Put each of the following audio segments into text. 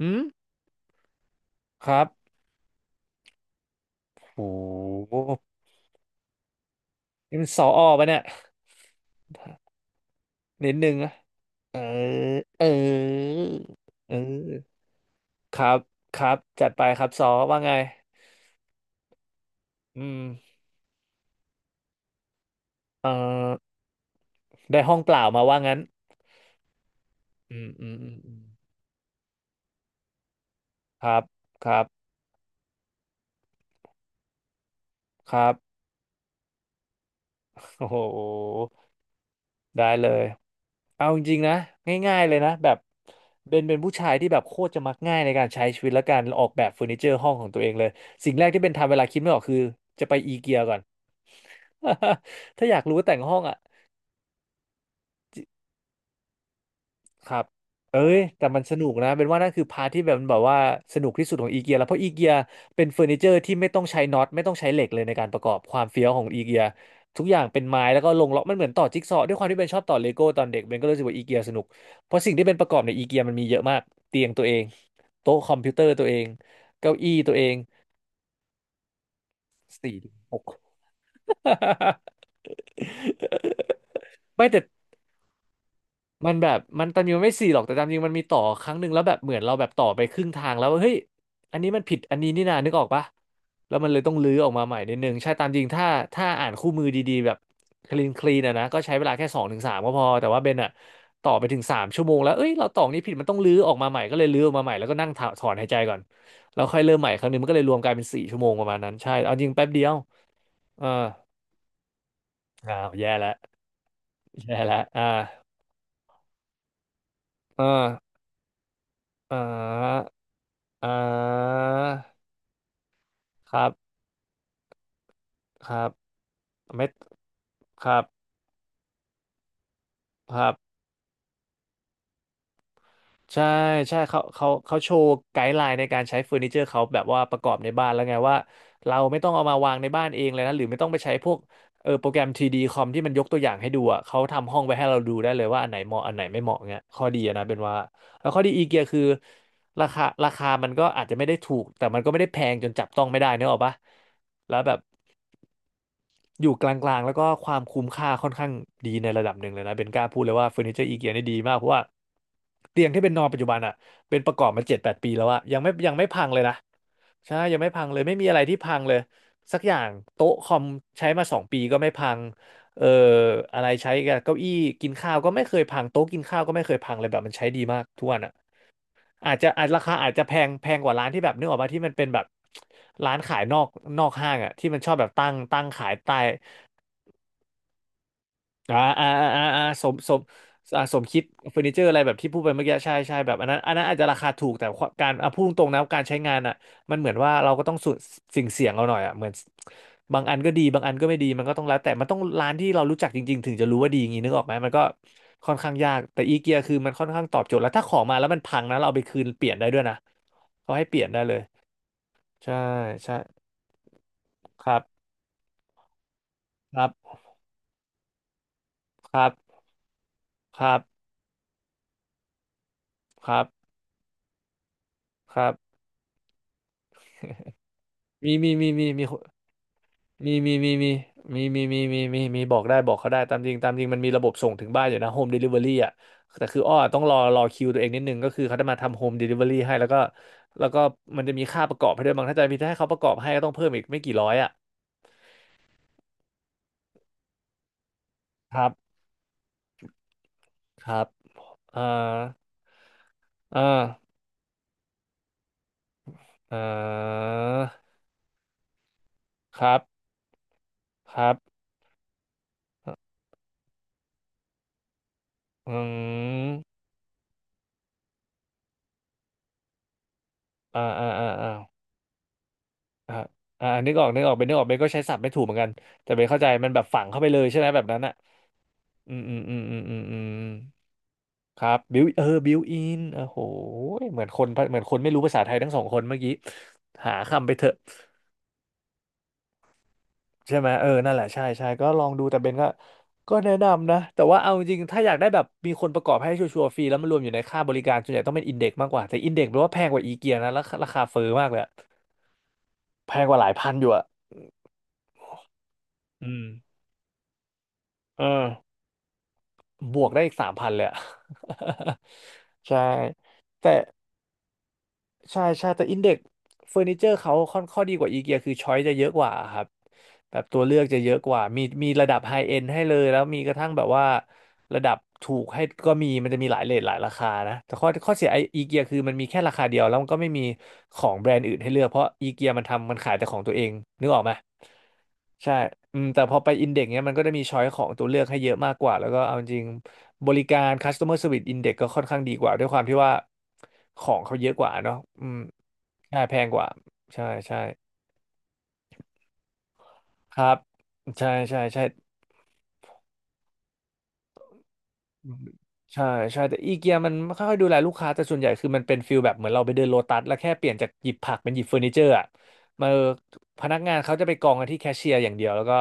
อืมครับโหนี่มันสอออปะเนี่ยนิดนึงอะเออเออเออครับ ครับ จัดไปครับสอว่าไงอืมเออได้ห้องเปล่ามาว่างั้นอืมอืมอืมอืมครับ ครับ ครับ โอ้โห ได้เลย เอาจริงๆนะง่ายๆเลยนะแบบเบนเป็นผู้ชายที่แบบโคตรจะมักง่ายในการใช้ชีวิตและการออกแบบเฟอร์นิเจอร์ห้องของตัวเองเลยสิ่งแรกที่เบนทำเวลาคิดไม่ออกคือจะไปอีเกียก่อน ถ้าอยากรู้ว่าแต่งห้องอ่ะ ครับ เอ้ย แต่มันสนุกนะ เป็นว่านั่นคือพาร์ทที่แบบมันแบบว่าสนุกที่สุดของอีเกียแล้วเพราะอีเกียเป็นเฟอร์นิเจอร์ที่ไม่ต้องใช้น็อตไม่ต้องใช้เหล็กเลยในการประกอบความเฟี้ยวของอีเกียทุกอย่างเป็นไม้แล้วก็ลงล็อกมันเหมือนต่อจิ๊กซอว์ด้วยความที่เบนชอบต่อเลโก้ตอนเด็กเบนก็รู้สึกว่าอีเกียสนุกเพราะสิ่งที่เป็นประกอบในอีเกียมันมีเยอะมากเตียงตัวเองโต๊ะคอมพิวเตอร์ตัวเองเก้าอี้ตัวเองสี่หก ไม่แต่ มันแบบมันตามจริงมันไม่สี่หรอกแต่ตามจริงมันมีต่อครั้งหนึ่งแล้วแบบเหมือนเราแบบต่อไปครึ่งทางแล้วว่าเฮ้ยอันนี้มันผิดอันนี้นี่นานึกออกปะแล้วมันเลยต้องรื้อออกมาใหม่นิดนึงใช่ตามจริงถ้าอ่านคู่มือดีๆแบบคลีนคลีนอะนะก็ใช้เวลาแค่สองถึงสามก็พอแต่ว่าเบนอะต่อไปถึงสามชั่วโมงแล้วเอ้ยเราต่อนี้ผิดมันต้องรื้อออกมาใหม่ก็เลยรื้อออกมาใหม่แล้วก็นั่งถถอนหายใจก่อนแล้วค่อยเริ่มใหม่ครั้งหนึงมันก็เลยรวมกลายเป็นสี่ชั่วโมงประมาณนั้นใช่เอาจริงแป๊บเดียวอออ้าวแย่แล้วแย่แล้วอ่าอ่าอ่า อ่าครับครับไม่ครับครับใช่ใช่เขาเขาเขาโชว์ไกด์ไลน์ในการใช้เฟอร์นิเจอร์เขาแบบว่าประกอบในบ้านแล้วไงว่าเราไม่ต้องเอามาวางในบ้านเองเลยนะหรือไม่ต้องไปใช้พวกโปรแกรมทรีดีคอมที่มันยกตัวอย่างให้ดูอ่ะเขาทำห้องไว้ให้เราดูได้เลยว่าอันไหนเหมาะอันไหนไม่เหมาะเงี้ยข้อดีอะนะเป็นว่าแล้วข้อดีอีเกียคือราคาราคามันก็อาจจะไม่ได้ถูก แต่มันก็ไม่ได้แพงจนจับต้องไม่ได้เนกอะปะแล้วแบบ อยู่กลางๆแล้วก็ความคุ้มค่าค่อนข้างดีในระดับหนึ่งเลยนะเบนกล้าพูดเลยว่าเฟอร์นิเจอร์อีเกียนี่ดีมากเพราะว่าเตียงที่เป็นนอนปัจจุบันอ่ะเป็นประกอบมาเจ็ดแปดปีแล้วอะยังไม่พังเลยนะใช่ยังไม่พังเลยไม่มีอะไรที่พังเลยสักอย่างโต๊ะคอมใช้มาสองปีก็ไม่พังเอ่ออะไรใช้กับเก้าอี้กินข้าวก็ไม่เคยพังโต๊ะกินข้าวก็ไม่เคยพังเลยแบบมันใช้ดีมากทุกวันอ่ะอาจจะอาจราคาอาจจะแพงแพงกว่าร้านที่แบบนึกออกาที่มันเป็นแบบร้านขายนอกนอกห้างอ่ะที่มันชอบแบบตั้งขายใต้ อ่าอ่าอ่าอ่าอ่าสมสมอ่าสมคิดเฟอร์นิเจอร์อะไรแบบที่พูดไปเมื่อกี้ใช่ใช่แบบอันนั้นอันนั้นอาจจะราคาถูกแต่ความการอ่ะพูดตรงๆนะการใช้งานอ่ะมันเหมือนว่าเราก็ต้องสูสิ่งเสี่ยงเอาหน่อยอ่ะเหมือนบางอันก็ดีบางอันก็ไม่ดีมันก็ต้องแล้วแต่มันต้องร้านที่เรารู้จักจริงๆถึงจะรู้ว่าดีอย่างนี้นึกออกไหมมันก็ค่อนข้างยากแต่อีเกียคือมันค่อนข้างตอบโจทย์แล้วถ้าของมาแล้วมันพังนะเราเอาไปคืนเปลี่ยนได้ด้วยนะเขาให้เปลี่ยนได้เลยใช่ใช่ครับครับครับครับครับครับมีมีมีมีมี มีมีมีมีมีมีมีมีมีมีบอกเขาได้ตามจริงตามจริงมันมีระบบส่งถึงบ้านอยู่นะโฮมเดลิเวอรี่อ่ะแต่คืออ้อต้องรอคิวตัวเองนิดนึงก็คือเขาจะมาทำโฮมเดลิเวอรี่ให้แล้วก็แล้วก็มันจะมีค่าประกอบให้ด้วยบางถ้าจะมีถ้าให้เขาประกอบให้ก็ต้องเพิ่มอีกไม่กี่ร้อยอ่ะครับครับอ่าอ่าอ่าครับครับอืมอ่าอ่าอ่าอ่าอ่าอ่านึกออกเป็นก็ใช้ศัพท์ไม่ถูกเหมือนกันแต่เป็นเข้าใจมันแบบฝังเข้าไปเลยใช่ไหมแบบนั้นอ่ะ อืมอืมอืมอืมอืมอืมครับบิวเออบิวอินโอ้โหเหมือนคนไม่รู้ภาษาไทยทั้งสองคนเมื่อกี้หาคำไปเถอะใช่ไหมเออนั่นแหละใช่ใช่ก็ลองดูแต่เบนก็ก็แนะนำนะแต่ว่าเอาจริงๆถ้าอยากได้แบบมีคนประกอบให้ชัวร์ๆฟรีแล้วมันรวมอยู่ในค่าบริการส่วนใหญ่ต้องเป็นอินเด็กซ์มากกว่าแต่อินเด็กซ์แปลว่าแพงกว่าอีเกียนะแล้วราคาเฟ้อมากเลยอะแพงกว่าหลายพันอยู่อะอืมเออบวกได้อีก3,000เลยอะ ใช่แต่ ใช่ใช่แต่อินเด็กเฟอร์นิเจอร์เขาค่อนข้อดีกว่าอีเกียคือช้อยจะเยอะกว่าครับแบบตัวเลือกจะเยอะกว่ามีระดับไฮเอนด์ให้เลยแล้วมีกระทั่งแบบว่าระดับถูกให้ก็มีมันจะมีหลายเรทหลายราคานะแต่ข้อเสียไออีเกียคือมันมีแค่ราคาเดียวแล้วมันก็ไม่มีของแบรนด์อื่นให้เลือกเพราะอีเกียมันทำมันขายแต่ของตัวเองนึกออกไหมใช่อืมแต่พอไปอินเด็กเนี้ยมันก็จะมีช้อยของตัวเลือกให้เยอะมากกว่าแล้วก็เอาจริงบริการ customer service index ก็ค่อนข้างดีกว่าด้วยความที่ว่า ของเขาเยอะกว่าเนาะอืมใช่แพงกว่าใช่ใช่ครับใช่ใช่ใช่ ใช่ใช่แต่อีเกียมันไม่ค่อยดูแลลูกค้าแต่ส่วนใหญ่คือมันเป็นฟิลแบบเหมือนเราไปเดินโลตัสแล้วแค่เปลี่ยนจากหยิบผักเป็นหยิบเฟอร์นิเจอร์อ่ะมาพนักงานเขาจะไปกองกันที่แคชเชียร์อย่างเดียวแล้วก็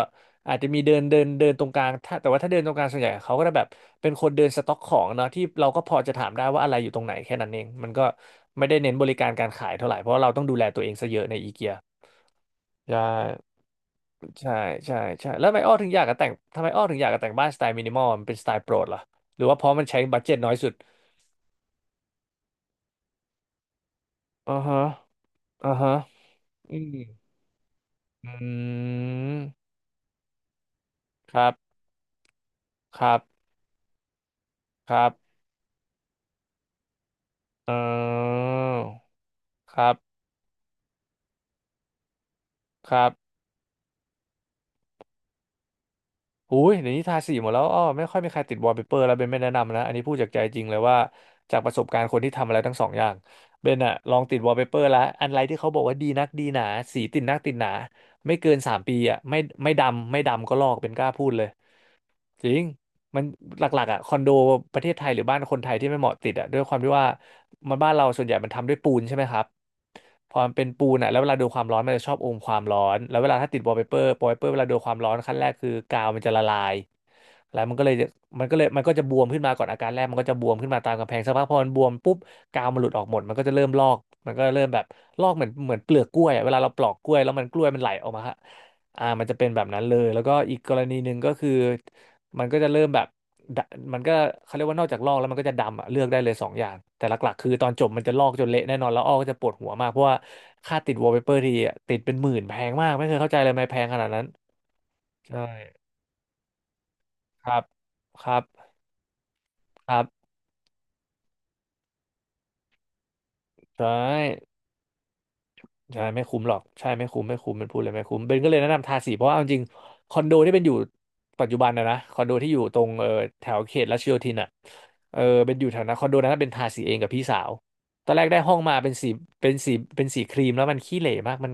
อาจจะมีเดินเดินเดินตรงกลางถ้าแต่ว่าถ้าเดินตรงกลางส่วนใหญ่เขาก็จะแบบเป็นคนเดินสต็อกของเนาะที่เราก็พอจะถามได้ว่าอะไรอยู่ตรงไหนแค่นั้นเองมันก็ไม่ได้เน้นบริการการขายเท่าไหร่เพราะว่าเราต้องดูแลตัวเองซะเยอะในอีเกียใช่ ใช่ใช่ใช่แล้วทำไมอ้อถึงอยากจะแต่งบ้านสไตล์มินิมอลมันเป็นสไตล์โปรดเหรอหรือว่าเพราะมันใช้บัดเจ็ตน้อยสุดอ่าฮะอ่าฮะอืมอืมครับครับครับเออครับครับ อุ้ยเดี๋ยวนี้ทาสีหมดแล้วอ้อไม่ค่อยมีใครติดวอลเปเปอร์แล้วเบนไม่แนะนำนะ อันนี้พูดจากใจจริงเลยว่า จากประสบการณ์คนที่ทำอะไรทั้งสองอย่างเบนอะลองติดวอลเปเปอร์แล้ว อันไรที่เขาบอกว่าดีนักดีหนา สีติดนักติดหนา ไม่เกิน3 ปีอะไม่ไม่ดำก็ลอกเป็นกล้าพูดเลย จริงมันหลักๆอ่ะคอนโดประเทศไทยหรือบ้านคนไทยที่ไม่เหมาะติดอ่ะด้วยความที่ว่ามันบ้านเราส่วนใหญ่มันทำด้วยปูนใช่ไหมครับพอมันเป็นปูนอ่ะแล้วเวลาโดนความร้อนมันจะชอบอมความร้อนแล้วเวลาถ้าติดวอลเปเปอร์เวลาโดนความร้อนขั้นแรกคือกาวมันจะละลายแล้วมันก็เลยมันก็จะบวมขึ้นมาก่อนอาการแรกมันก็จะบวมขึ้นมาตามกำแพงสักพักพอมันบวมปุ๊บกาวมันหลุดออกหมดมันก็จะเริ่มลอกมันก็เริ่มแบบลอกเหมือนเปลือกกล้วยอะเวลาเราปลอกกล้วยแล้วมันกล้วยมันไหลออกมาฮะอ่ามันจะเป็นแบบนั้นเลยแล้วก็อีกกรณีหนึ่งก็คือ มันก็จะเริ่มแบบดะมันก็เขาเรียกว่านอกจากลอกแล้วมันก็จะดำอะเลือกได้เลยสองอย่างแต่หลักๆคือตอนจบมันจะลอกจนเละแน่นอนแล้วอ้อก็จะปวดหัวมากเพราะว่าค่าติดวอลเปเปอร์ทีอะติดเป็นหมื่นแพงมากไม่เคยเข้าใจเลยทำไมแพงขนาดนั้นใช่ครับครับครับใช่ ใช่ไม่คุ้มหรอกใช่ไม่คุ้มไม่คุ้มเป็นพูดเลยไม่คุ้มเบนก็เลยแนะนำทาสีเพราะว่าเอาจริงคอนโดที่เป็นอยู่ปัจจุบันนะคอนโดที่อยู่ตรงแถวเขตรัชโยธินอ่ะเออเป็นอยู่แถวนั้นคอนโดนั้นเป็นทาสีเองกับพี่สาวตอนแรกได้ห้องมาเป็นสีเป็นสีครีมแล้วมันขี้เหร่มากมัน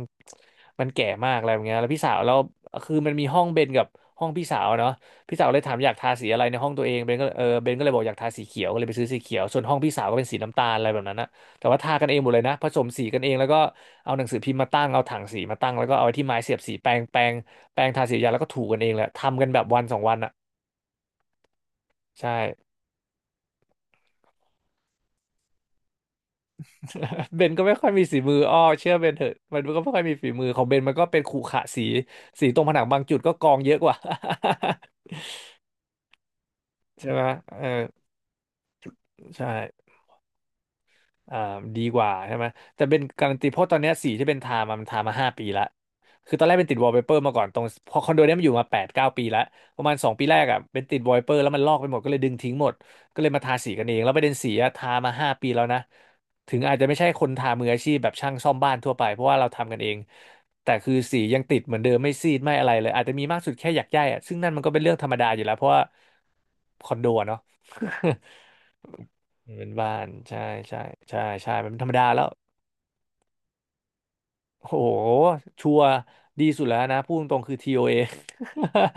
มันแก่มากอะไรแบบเงี้ยแล้วพี่สาวแล้วคือมันมีห้องเบนกับห้องพี่สาวเนาะพี่สาวเลยถามอยากทาสีอะไรในห้องตัวเองเบนก็เลยเบนก็เลยบอกอยากทาสีเขียวก็เลยไปซื้อสีเขียวส่วนห้องพี่สาวก็เป็นสีน้ำตาลอะไรแบบนั้นนะ แต่ว่าทากันเองหมดเลยนะผสมสีกันเองแล้วก็เอาหนังสือพิมพ์มาตั้งเอาถังสีมาตั้งแล้วก็เอาไอ้ที่ไม้เสียบสีแปรงทาสียาแล้วก็ถูกันเองแหละทำกันแบบวันสองวันอ่ะใช่ เบนก็ไม่ค่อยมีฝีมืออ้อเชื่อเบนเถอะมันก็ไม่ค่อยมีฝีมือของเบนมันก็เป็นขรุขระสีตรงผนังบางจุดก็กองเยอะกว่า ใช่ไหมเออใช่ อ่าดีกว่าใช่ไหมแต่เป็นการันตีเพราะตอนเนี้ยสีที่เป็นทามามันทามาห้าปีละคือตอนแรกเป็นติดวอลเปเปอร์มาก่อน ตรงพอคอนโดเนี้ยมันอยู่มาแปดเก้าปีละประมาณสองปีแรกอ่ะเป็นติดวอลเปเปอร์แล้วมันลอกไปหมดก็เลยดึงทิ้งหมดก็เลยมาทาสีกันเอง แล้วประเด็นสีอะทามาห้าปีแล้วนะถึงอาจจะไม่ใช่คนทามืออาชีพแบบช่างซ่อมบ้านทั่วไปเพราะว่าเราทำกันเองแต่คือสียังติดเหมือนเดิมไม่ซีดไม่อะไรเลยอาจจะมีมากสุดแค่หยักหย้ายอ่ะซึ่งนั่นมันก็เป็นเรื่องธรรมดาอยู่แล้วเพราะว่าคอนโดอะเนาะ มเป็นบ้านใช่ใช่ใช่ใช่มันเป็นธรรมดาแล้วโอ้โหชัวร์ดีสุดแล้วนะพูดตรงๆคือ TOA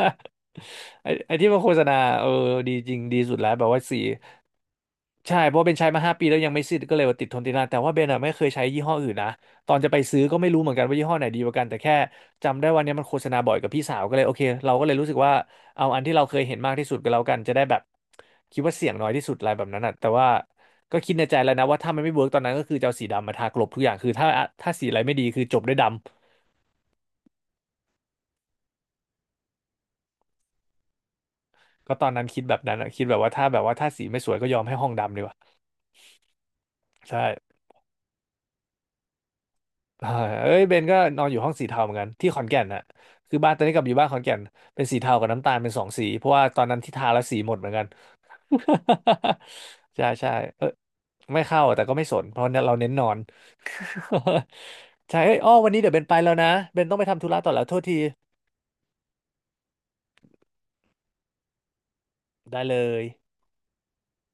ไอ้ที่มาโฆษณาเออดีจริงดีสุดแล้วแบบว่าสีใช่เพราะเบนใช้มาห้าปีแล้วยังไม่สิ้นก็เลยว่าติดทนติดนานแต่ว่าเบนอะไม่เคยใช้ยี่ห้ออื่นนะตอนจะไปซื้อก็ไม่รู้เหมือนกันว่ายี่ห้อไหนดีกว่ากันแต่แค่จำได้วันนี้มันโฆษณาบ่อยกับพี่สาวก็เลยโอเคเราก็เลยรู้สึกว่าเอาอันที่เราเคยเห็นมากที่สุดก็แล้วกันจะได้แบบคิดว่าเสี่ยงน้อยที่สุดอะไรแบบนั้นอ่ะแต่ว่า ก็คิดในใจแล้วนะว่าถ้ามันไม่เวิร์กตอนนั้นก็คือจะเอาสีดำมาทากลบทุกอย่างคือถ้าสีอะไรไม่ดีคือจบด้วยดำก็ตอนนั้นคิดแบบนั้นอะคิดแบบว่าถ้าสีไม่สวยก็ยอมให้ห้องดำดีกว่าใช่ อ่าเอ้ยเบนก็นอนอยู่ห้องสีเทาเหมือนกันที่ขอนแก่นน่ะคือบ้านตอนนี้กลับอยู่บ้านขอนแก่นเป็นสีเทากับน้ำตาลเป็นสองสีเพราะว่าตอนนั้นที่ทาแล้วสีหมดเหมือนกัน ใช่ใช่เอยไม่เข้าแต่ก็ไม่สนเพราะเนี่ยเราเน้นนอน ใช่เอ้ยอ้อวันนี้เดี๋ยวเบนไปแล้วนะเบนต้องไปทำธุระต่อแล้วโทษทีได้เลย